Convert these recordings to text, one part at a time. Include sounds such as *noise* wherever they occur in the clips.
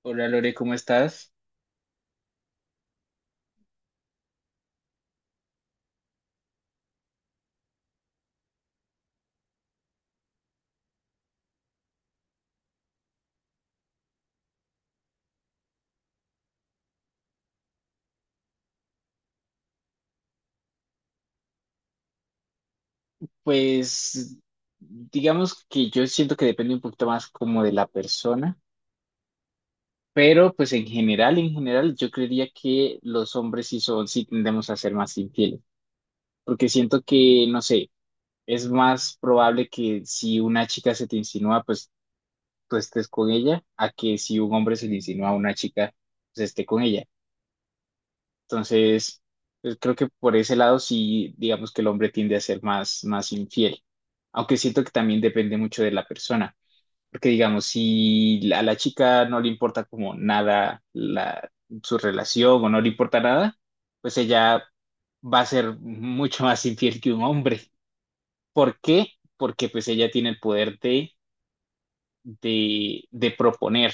Hola Lore, ¿cómo estás? Pues digamos que yo siento que depende un poquito más como de la persona, pero pues en general, yo creería que los hombres sí son, sí tendemos a ser más infieles, porque siento que, no sé, es más probable que si una chica se te insinúa, pues tú estés con ella, a que si un hombre se le insinúa a una chica, pues esté con ella. Entonces, pues, creo que por ese lado sí, digamos que el hombre tiende a ser más infiel, aunque siento que también depende mucho de la persona, porque digamos, si a la chica no le importa como nada su relación o no le importa nada, pues ella va a ser mucho más infiel que un hombre. ¿Por qué? Porque pues ella tiene el poder de proponer.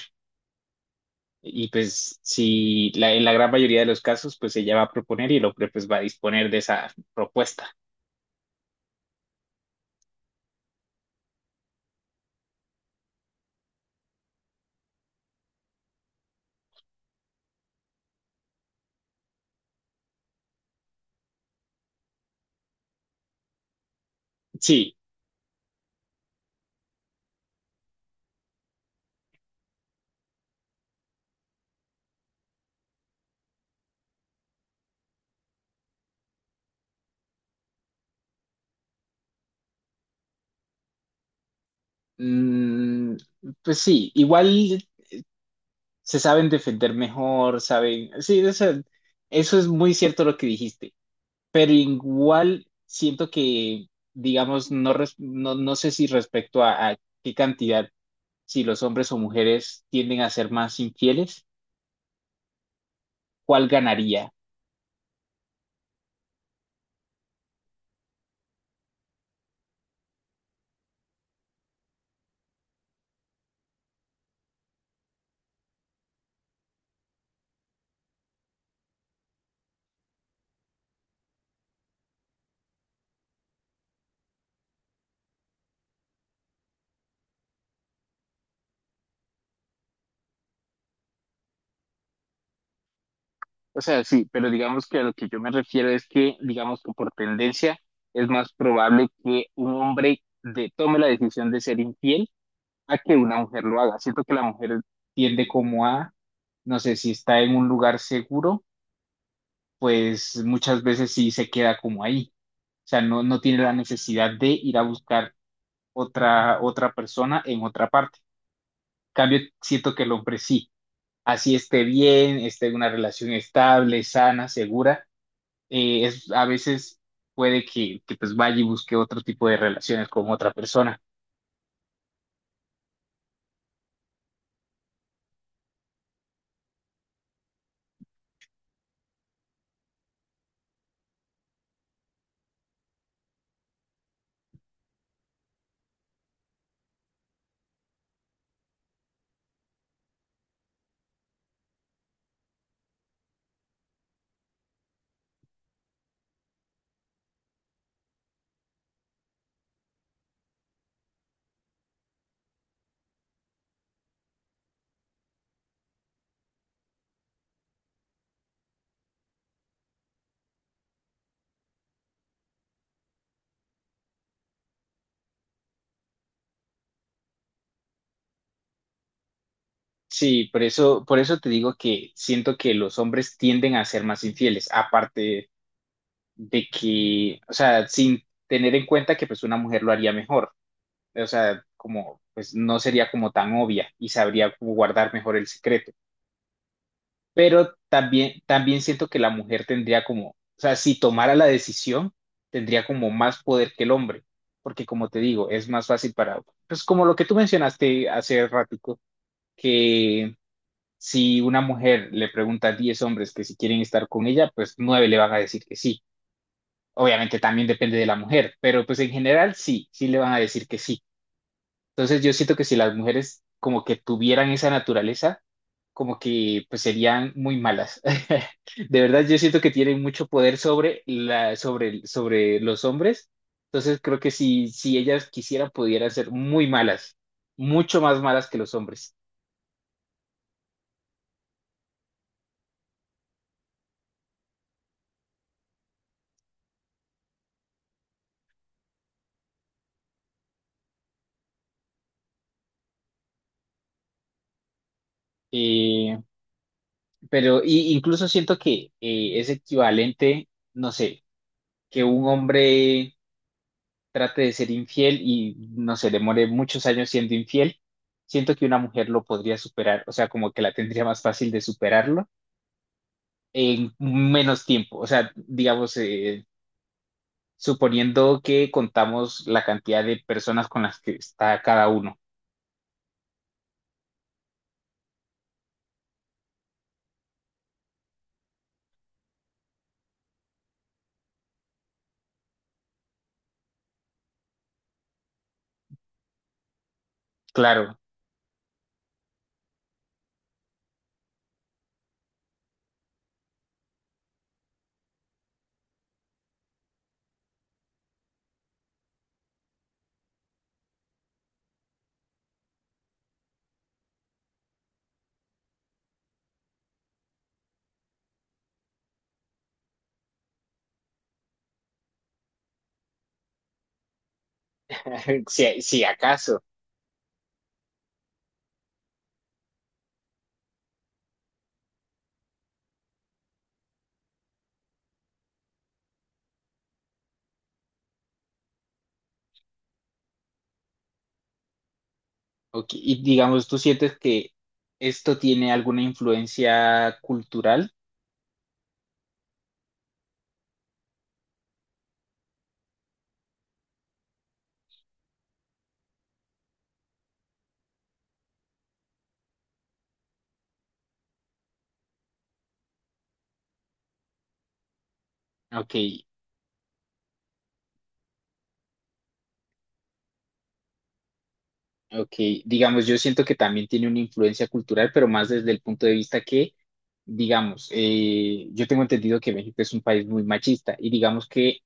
Y pues si en la gran mayoría de los casos, pues ella va a proponer y el hombre pues va a disponer de esa propuesta. Sí, mm, pues sí, igual se saben defender mejor, saben, sí, o sea, eso es muy cierto lo que dijiste, pero igual siento que, digamos, no, no, no sé si respecto a qué cantidad, si los hombres o mujeres tienden a ser más infieles, ¿cuál ganaría? O sea, sí, pero digamos que a lo que yo me refiero es que, digamos que por tendencia es más probable que un hombre tome la decisión de ser infiel a que una mujer lo haga. Siento que la mujer tiende como a, no sé, si está en un lugar seguro, pues muchas veces sí se queda como ahí. O sea, no, no tiene la necesidad de ir a buscar otra persona en otra parte. En cambio, siento que el hombre sí, así esté bien, esté en una relación estable, sana, segura, a veces puede que pues vaya y busque otro tipo de relaciones con otra persona. Sí, por eso te digo que siento que los hombres tienden a ser más infieles, aparte de que, o sea, sin tener en cuenta que pues una mujer lo haría mejor, o sea, como pues no sería como tan obvia y sabría como guardar mejor el secreto. Pero también siento que la mujer tendría como, o sea, si tomara la decisión, tendría como más poder que el hombre, porque como te digo, es más fácil para, pues como lo que tú mencionaste hace ratico, que si una mujer le pregunta a 10 hombres que si quieren estar con ella, pues 9 le van a decir que sí. Obviamente también depende de la mujer, pero pues en general sí, sí le van a decir que sí. Entonces yo siento que si las mujeres como que tuvieran esa naturaleza, como que pues serían muy malas. *laughs* De verdad, yo siento que tienen mucho poder sobre los hombres. Entonces creo que si ellas quisieran, pudieran ser muy malas, mucho más malas que los hombres. Eh, pero incluso siento que es equivalente, no sé, que un hombre trate de ser infiel y, no sé, demore muchos años siendo infiel. Siento que una mujer lo podría superar, o sea, como que la tendría más fácil de superarlo en menos tiempo. O sea, digamos, suponiendo que contamos la cantidad de personas con las que está cada uno. Claro, *laughs* si, si acaso. Ok, y digamos, ¿tú sientes que esto tiene alguna influencia cultural? Ok. Ok. Digamos, yo siento que también tiene una influencia cultural, pero más desde el punto de vista que, digamos, yo tengo entendido que México es un país muy machista y digamos que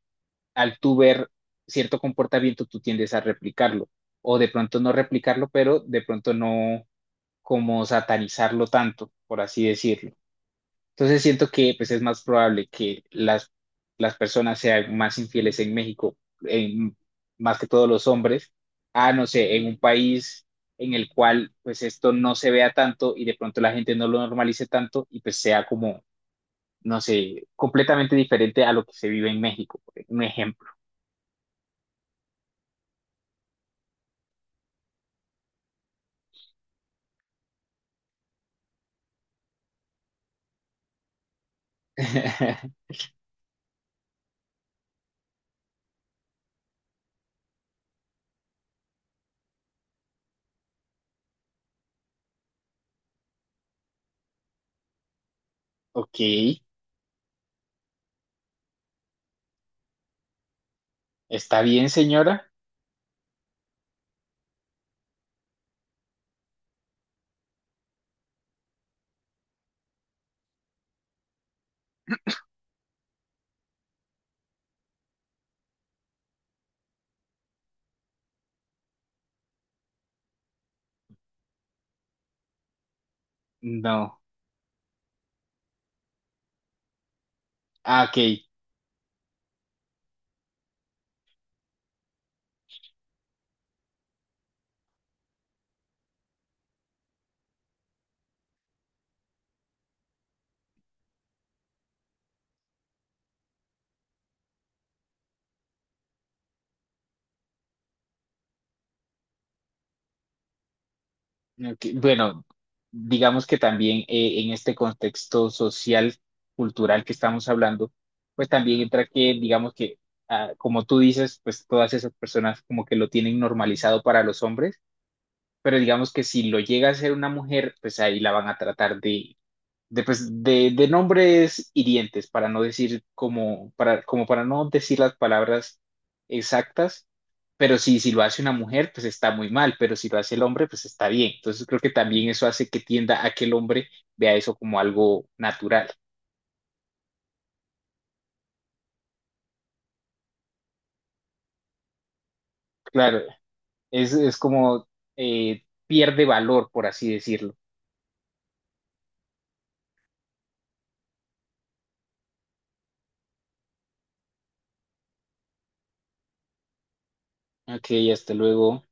al tú ver cierto comportamiento, tú tiendes a replicarlo, o de pronto no replicarlo, pero de pronto no como satanizarlo tanto, por así decirlo. Entonces siento que pues es más probable que las personas sean más infieles en México, en- más que todos los hombres, a no sé, en un país en el cual pues esto no se vea tanto y de pronto la gente no lo normalice tanto y pues sea como, no sé, completamente diferente a lo que se vive en México, por un ejemplo. *laughs* Ok, ¿está bien, señora? No. Ah, ok. Ok. Bueno, digamos que también en este contexto social, cultural que estamos hablando, pues también entra que, digamos que, ah, como tú dices, pues todas esas personas como que lo tienen normalizado para los hombres, pero digamos que si lo llega a ser una mujer, pues ahí la van a tratar de, pues, de nombres hirientes, para no decir como para no decir las palabras exactas, pero si lo hace una mujer, pues está muy mal, pero si lo hace el hombre, pues está bien. Entonces creo que también eso hace que tienda a que el hombre vea eso como algo natural. Claro, es como pierde valor, por así decirlo. Ok, hasta luego.